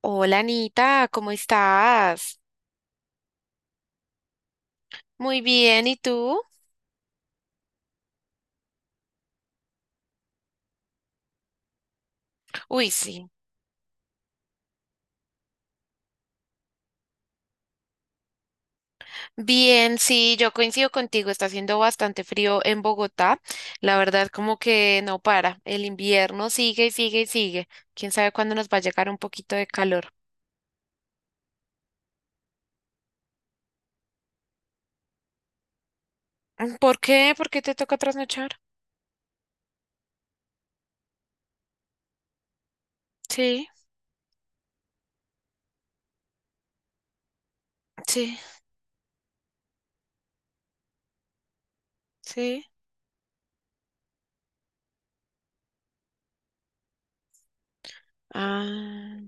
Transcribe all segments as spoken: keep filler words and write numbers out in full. Hola Anita, ¿cómo estás? Muy bien, ¿y tú? Uy, sí. Bien, sí, yo coincido contigo, está haciendo bastante frío en Bogotá. La verdad, como que no para. El invierno sigue y sigue y sigue. ¿Quién sabe cuándo nos va a llegar un poquito de calor? Mm, ¿Por qué? ¿Por qué te toca trasnochar? Sí, sí, sí. Ah,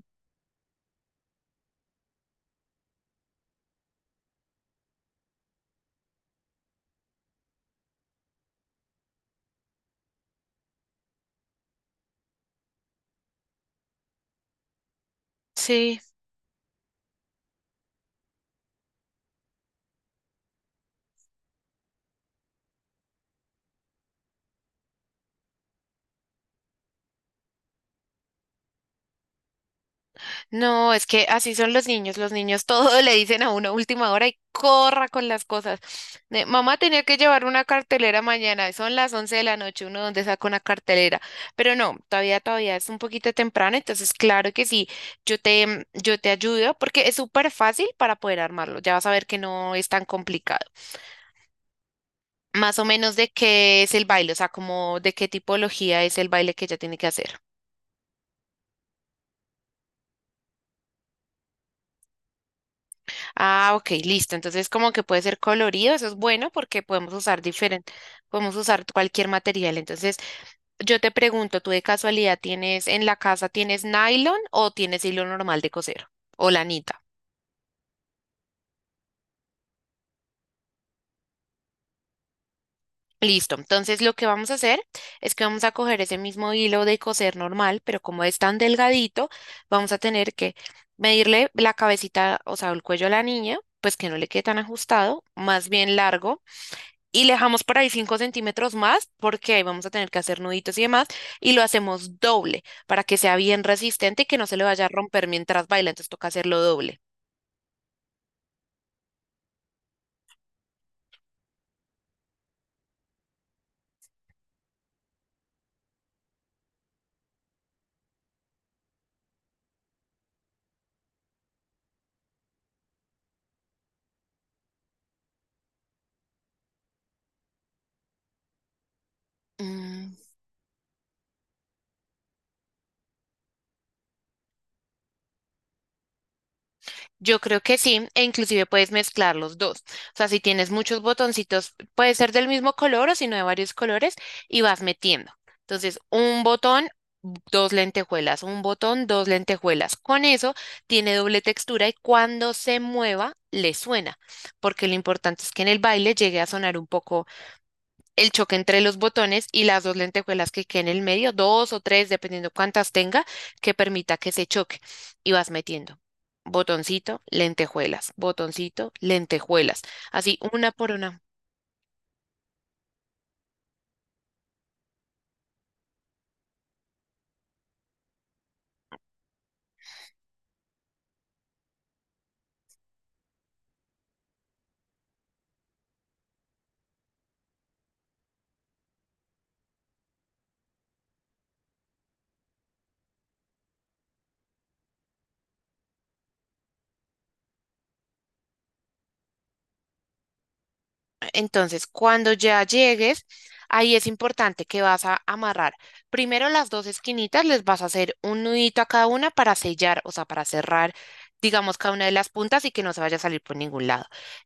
sí. No, es que así son los niños. Los niños todo le dicen a una última hora y corra con las cosas. De, mamá tenía que llevar una cartelera mañana. Son las once de la noche. Uno donde saca una cartelera. Pero no, todavía, todavía es un poquito temprano. Entonces, claro que sí, yo te, mm, yo te ayudo porque es súper fácil para poder armarlo. Ya vas a ver que no es tan complicado. Más o menos de qué es el baile, o sea, como de qué tipología es el baile que ella tiene que hacer. Ah, ok, listo. Entonces, como que puede ser colorido, eso es bueno porque podemos usar diferente, podemos usar cualquier material. Entonces, yo te pregunto, ¿tú de casualidad tienes en la casa tienes nylon o tienes hilo normal de coser o lanita? Listo. Entonces, lo que vamos a hacer es que vamos a coger ese mismo hilo de coser normal, pero como es tan delgadito, vamos a tener que medirle la cabecita, o sea, el cuello a la niña, pues que no le quede tan ajustado, más bien largo y le dejamos por ahí cinco centímetros más porque ahí vamos a tener que hacer nuditos y demás y lo hacemos doble para que sea bien resistente y que no se le vaya a romper mientras baila, entonces toca hacerlo doble. Mm, Yo creo que sí, e inclusive puedes mezclar los dos. O sea, si tienes muchos botoncitos, puede ser del mismo color o si no de varios colores y vas metiendo. Entonces, un botón, dos lentejuelas, un botón, dos lentejuelas. Con eso tiene doble textura y cuando se mueva le suena, porque lo importante es que en el baile llegue a sonar un poco el choque entre los botones y las dos lentejuelas que queden en el medio, dos o tres, dependiendo cuántas tenga, que permita que se choque. Y vas metiendo botoncito, lentejuelas, botoncito, lentejuelas, así una por una. Entonces, cuando ya llegues, ahí es importante que vas a amarrar primero las dos esquinitas, les vas a hacer un nudito a cada una para sellar, o sea, para cerrar, digamos, cada una de las puntas y que no se vaya a salir por ningún lado.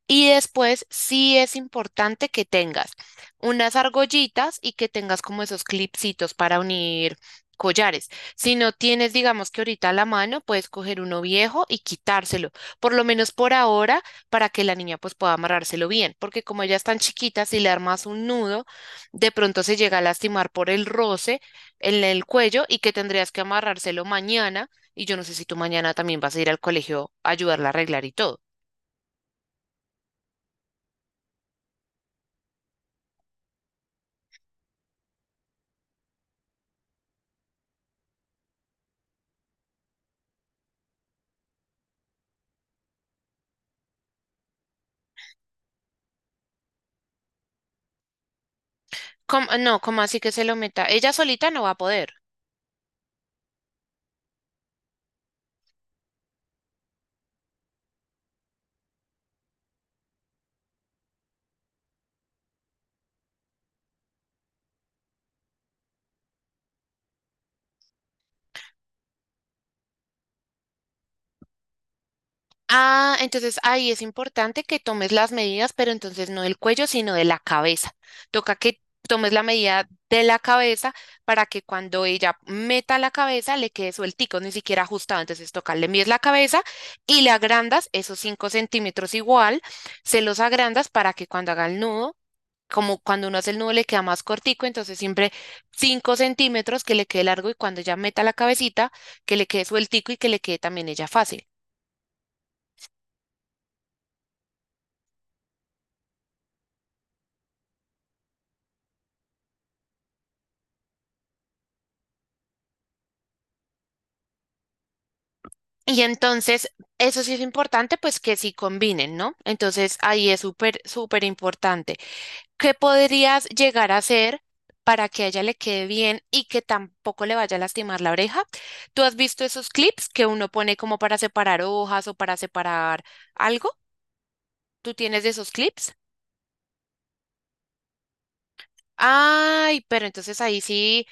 Y después, sí es importante que tengas unas argollitas y que tengas como esos clipsitos para unir collares. Si no tienes, digamos que ahorita a la mano, puedes coger uno viejo y quitárselo. Por lo menos por ahora, para que la niña pues pueda amarrárselo bien, porque como ella es tan chiquita, si le armas un nudo, de pronto se llega a lastimar por el roce en el cuello y que tendrías que amarrárselo mañana y yo no sé si tú mañana también vas a ir al colegio a ayudarla a arreglar y todo. ¿Cómo- No, ¿cómo así que se lo meta? Ella solita no va a poder. Ah, entonces ahí es importante que tomes las medidas, pero entonces no del cuello, sino de la cabeza. Toca que tomes la medida de la cabeza para que cuando ella meta la cabeza le quede sueltico, ni siquiera ajustado. Entonces toca, le mides la cabeza y le agrandas esos cinco centímetros igual, se los agrandas para que cuando haga el nudo, como cuando uno hace el nudo le queda más cortico, entonces siempre cinco centímetros que le quede largo y cuando ella meta la cabecita, que le quede sueltico y que le quede también ella fácil. Y entonces, eso sí es importante, pues que sí combinen, ¿no? Entonces, ahí es súper, súper importante. ¿Qué podrías llegar a hacer para que a ella le quede bien y que tampoco le vaya a lastimar la oreja? ¿Tú has visto esos clips que uno pone como para separar hojas o para separar algo? ¿Tú tienes de esos clips? Ay, pero entonces ahí sí,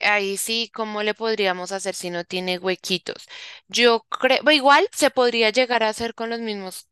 ahí sí, ¿cómo le podríamos hacer si no tiene huequitos? Yo creo, igual se podría llegar a hacer con los mismos.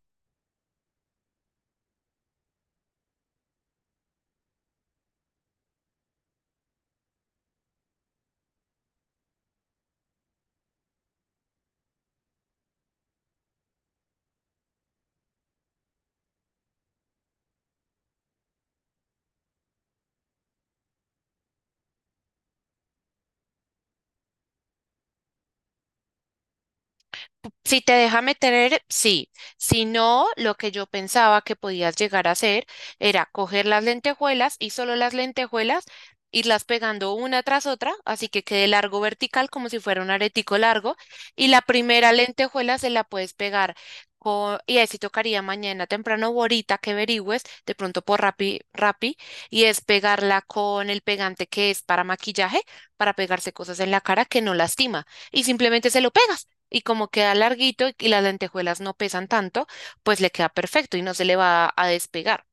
Si te deja meter, sí. Si no, lo que yo pensaba que podías llegar a hacer era coger las lentejuelas y solo las lentejuelas, irlas pegando una tras otra, así que quede largo vertical como si fuera un aretico largo. Y la primera lentejuela se la puedes pegar co- y ahí sí tocaría mañana temprano o ahorita que averigües, de pronto por Rappi, Rappi, y es pegarla con el pegante que es para maquillaje, para pegarse cosas en la cara que no lastima. Y simplemente se lo pegas y como queda larguito y las lentejuelas no pesan tanto, pues le queda perfecto y no se le va a despegar.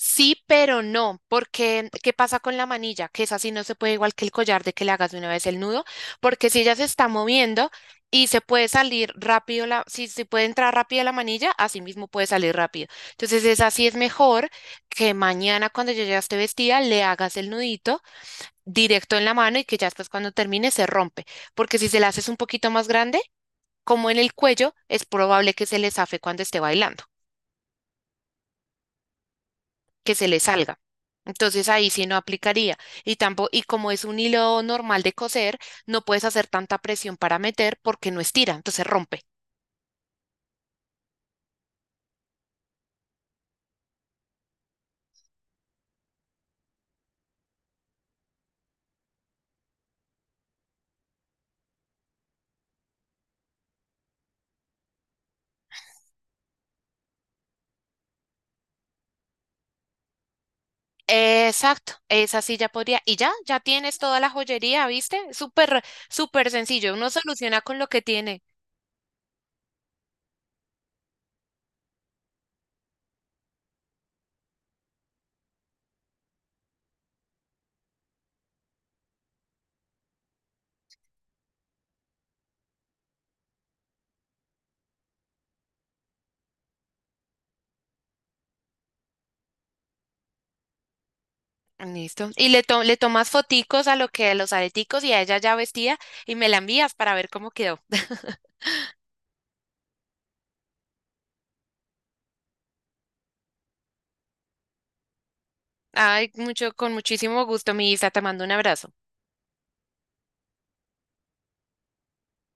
Sí, pero no, porque ¿qué pasa con la manilla? Que esa sí no se puede, igual que el collar, de que le hagas de una vez el nudo, porque si ella se está moviendo y se puede salir rápido, la, si, se puede entrar rápido la manilla, así mismo puede salir rápido. Entonces, esa sí es mejor que mañana cuando yo ya esté vestida le hagas el nudito directo en la mano y que ya después cuando termine se rompe, porque si se la haces un poquito más grande, como en el cuello, es probable que se le zafe cuando esté bailando, que se le salga. Entonces ahí sí no aplicaría. Y tampoco, y como es un hilo normal de coser, no puedes hacer tanta presión para meter porque no estira, entonces rompe. Exacto, esa sí ya podría. Y ya, ya tienes toda la joyería, ¿viste? Súper, súper sencillo. Uno soluciona con lo que tiene. Listo. Y le, to- le tomas foticos a lo que a los areticos y a ella ya vestida y me la envías para ver cómo quedó. Ay, mucho, con muchísimo gusto, mi Isa, te mando un abrazo.